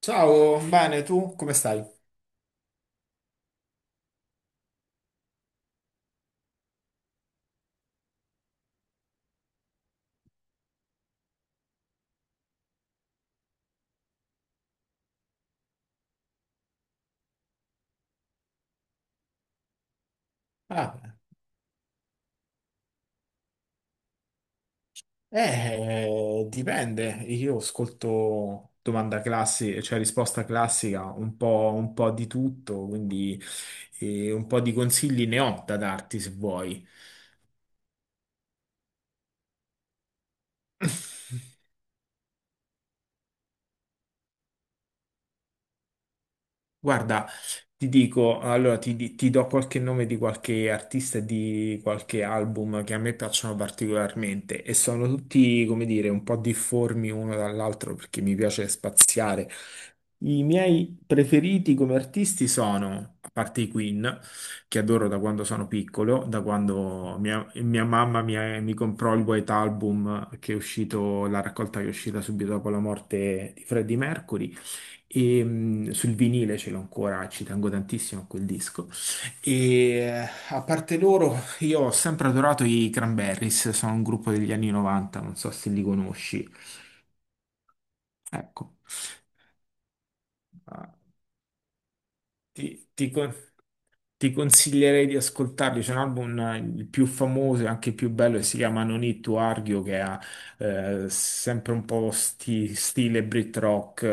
Ciao, bene, tu come stai? Ah, dipende. Io ascolto domanda classica, cioè risposta classica, un po' di tutto, quindi un po' di consigli ne ho da darti se vuoi. Guarda, ti dico, ti do qualche nome di qualche artista e di qualche album che a me piacciono particolarmente e sono tutti, come dire, un po' difformi uno dall'altro perché mi piace spaziare. I miei preferiti come artisti sono, a parte i Queen, che adoro da quando sono piccolo, da quando mia mamma mi, mi comprò il White Album che è uscito, la raccolta che è uscita subito dopo la morte di Freddie Mercury. Sul vinile ce l'ho ancora, ci tengo tantissimo a quel disco. E a parte loro, io ho sempre adorato i Cranberries, sono un gruppo degli anni 90, non so se li conosci. Ecco, ah, ti, ti con- ti consiglierei di ascoltarli. C'è un album, il più famoso e anche il più bello, che si chiama No Need to Argue, che ha sempre un po' stile Brit rock,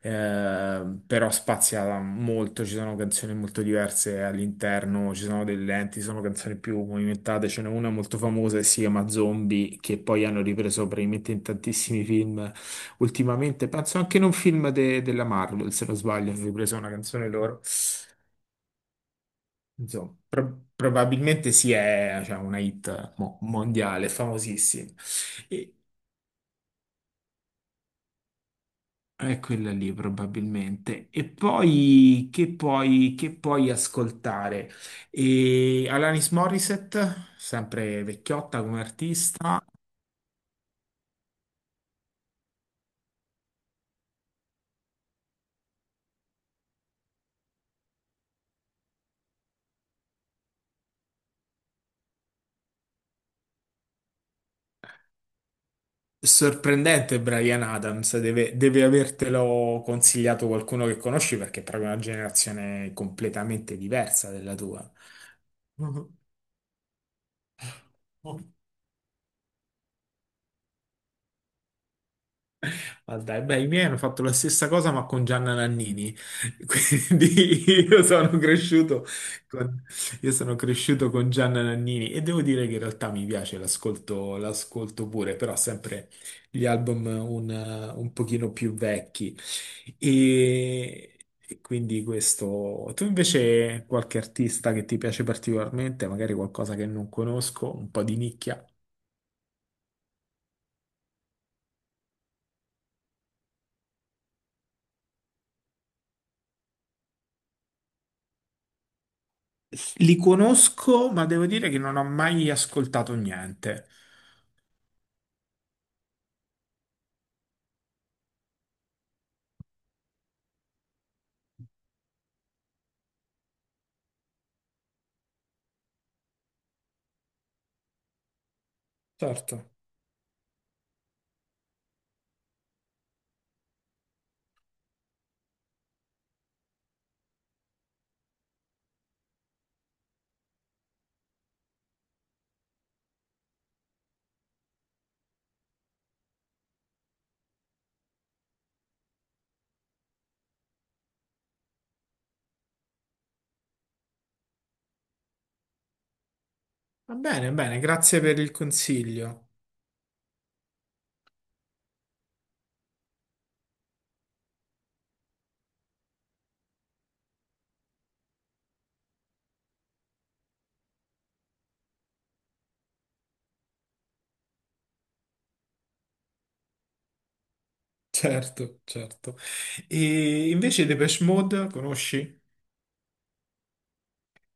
però spazia molto. Ci sono canzoni molto diverse all'interno, ci sono delle lenti, ci sono canzoni più movimentate. Ce n'è una molto famosa che si chiama Zombie, che poi hanno ripreso praticamente in tantissimi film ultimamente. Penso anche in un film della Marvel, se non sbaglio, hanno ripreso una canzone loro. Insomma, probabilmente sì, è cioè, una hit mondiale, famosissima. E, è quella lì probabilmente. E poi che puoi ascoltare? E Alanis Morissette, sempre vecchiotta come artista. Sorprendente Brian Adams, deve avertelo consigliato qualcuno che conosci perché è proprio una generazione completamente diversa della tua. Ah, dai, beh, i miei hanno fatto la stessa cosa ma con Gianna Nannini, quindi io sono cresciuto con, io sono cresciuto con Gianna Nannini e devo dire che in realtà mi piace, l'ascolto pure, però sempre gli album un, un pochino più vecchi. E, e quindi questo. Tu invece qualche artista che ti piace particolarmente, magari qualcosa che non conosco, un po' di nicchia? Li conosco, ma devo dire che non ho mai ascoltato niente. Certo. Va bene, bene, grazie per il consiglio. Certo, certo. E invece Depeche Mode, conosci?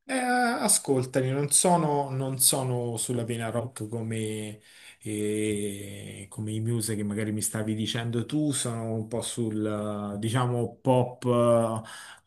Ascoltami, non sono sulla vena rock come, come i Muse che magari mi stavi dicendo tu, sono un po' sul, diciamo, pop,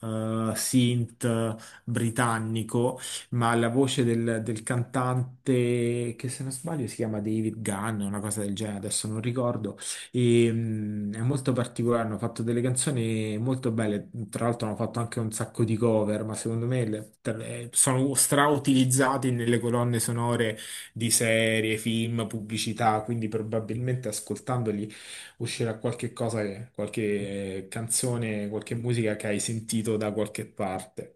synth britannico, ma la voce del cantante, che se non sbaglio si chiama David Gunn, una cosa del genere, adesso non ricordo, è molto particolare, hanno fatto delle canzoni molto belle, tra l'altro hanno fatto anche un sacco di cover, ma secondo me sono strautilizzati nelle colonne sonore di serie, film, pubblicità, quindi probabilmente ascoltandoli uscirà qualche cosa, qualche canzone, qualche musica che hai sentito da qualche parte.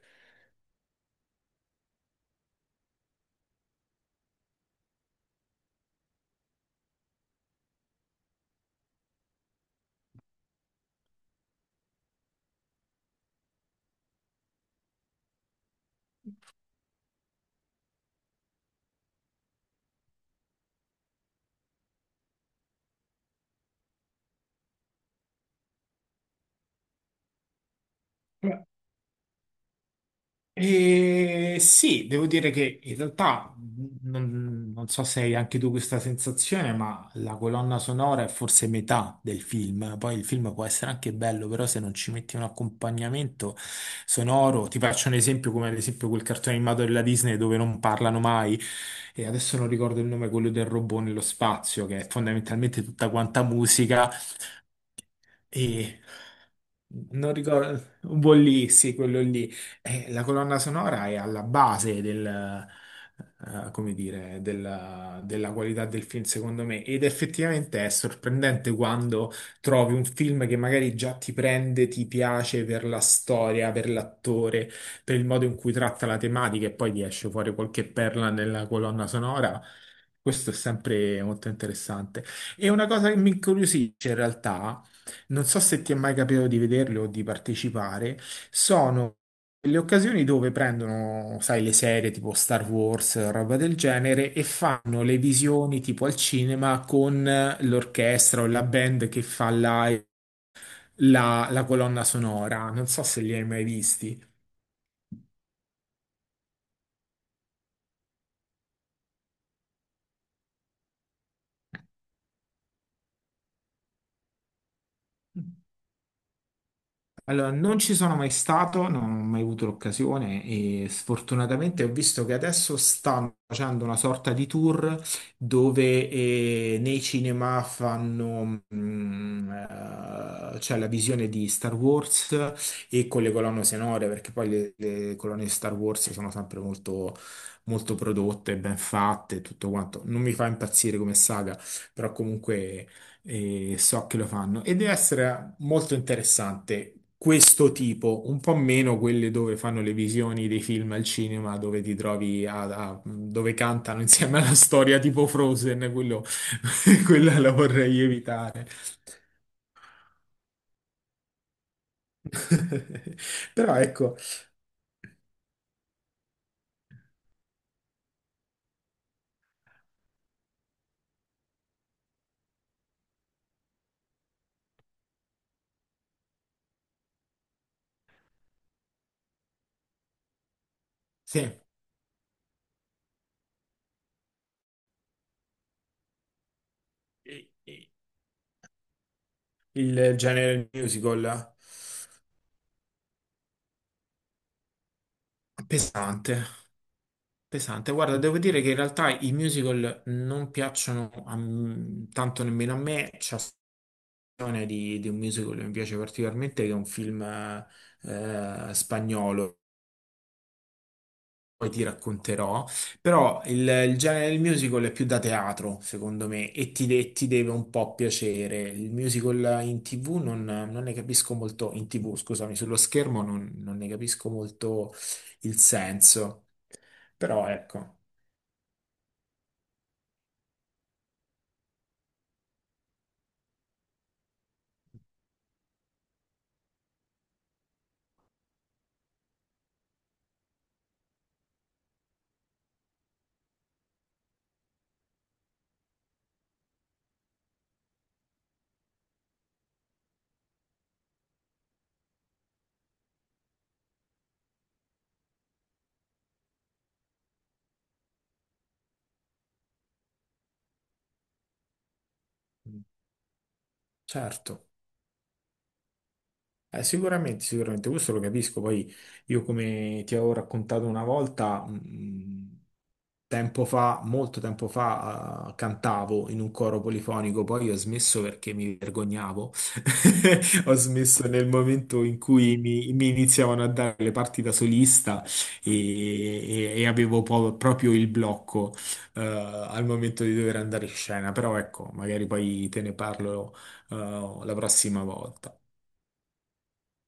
E sì, devo dire che in realtà non so se hai anche tu questa sensazione, ma la colonna sonora è forse metà del film. Poi il film può essere anche bello, però se non ci metti un accompagnamento sonoro, ti faccio un esempio come ad esempio quel cartone animato della Disney dove non parlano mai, e adesso non ricordo il nome, quello del robot nello spazio, che è fondamentalmente tutta quanta musica e non ricordo, un po' lì, sì, quello lì. La colonna sonora è alla base come dire, della qualità del film, secondo me. Ed effettivamente è sorprendente quando trovi un film che magari già ti prende, ti piace per la storia, per l'attore, per il modo in cui tratta la tematica, e poi ti esce fuori qualche perla nella colonna sonora. Questo è sempre molto interessante. E una cosa che mi incuriosisce in realtà non so se ti è mai capitato di vederli o di partecipare, sono le occasioni dove prendono, sai, le serie tipo Star Wars, roba del genere, e fanno le visioni tipo al cinema con l'orchestra o la band che fa live la colonna sonora. Non so se li hai mai visti. Allora, non ci sono mai stato, non ho mai avuto l'occasione e sfortunatamente ho visto che adesso stanno facendo una sorta di tour dove nei cinema c'è la visione di Star Wars e con le colonne sonore, perché poi le colonne di Star Wars sono sempre molto, molto prodotte, ben fatte e tutto quanto. Non mi fa impazzire come saga, però comunque e so che lo fanno e deve essere molto interessante questo tipo, un po' meno quelle dove fanno le visioni dei film al cinema, dove ti trovi dove cantano insieme alla storia tipo Frozen, quello, quella la vorrei evitare. Però ecco, sì, i- i- il genere musical pesante. Pesante, guarda, devo dire che in realtà i musical non piacciono a tanto nemmeno a me, versione di un musical che mi piace particolarmente, che è un film spagnolo, poi ti racconterò, però il genere del musical è più da teatro, secondo me, e ti deve un po' piacere. Il musical in TV non ne capisco molto, in TV, scusami, sullo schermo non ne capisco molto il senso, però ecco, certo. Sicuramente, sicuramente, questo lo capisco. Poi io come ti avevo raccontato una volta, tempo fa, molto tempo fa, cantavo in un coro polifonico, poi ho smesso perché mi vergognavo. Ho smesso nel momento in cui mi, mi iniziavano a dare le parti da solista e, e avevo proprio il blocco, al momento di dover andare in scena. Però ecco, magari poi te ne parlo, la prossima volta.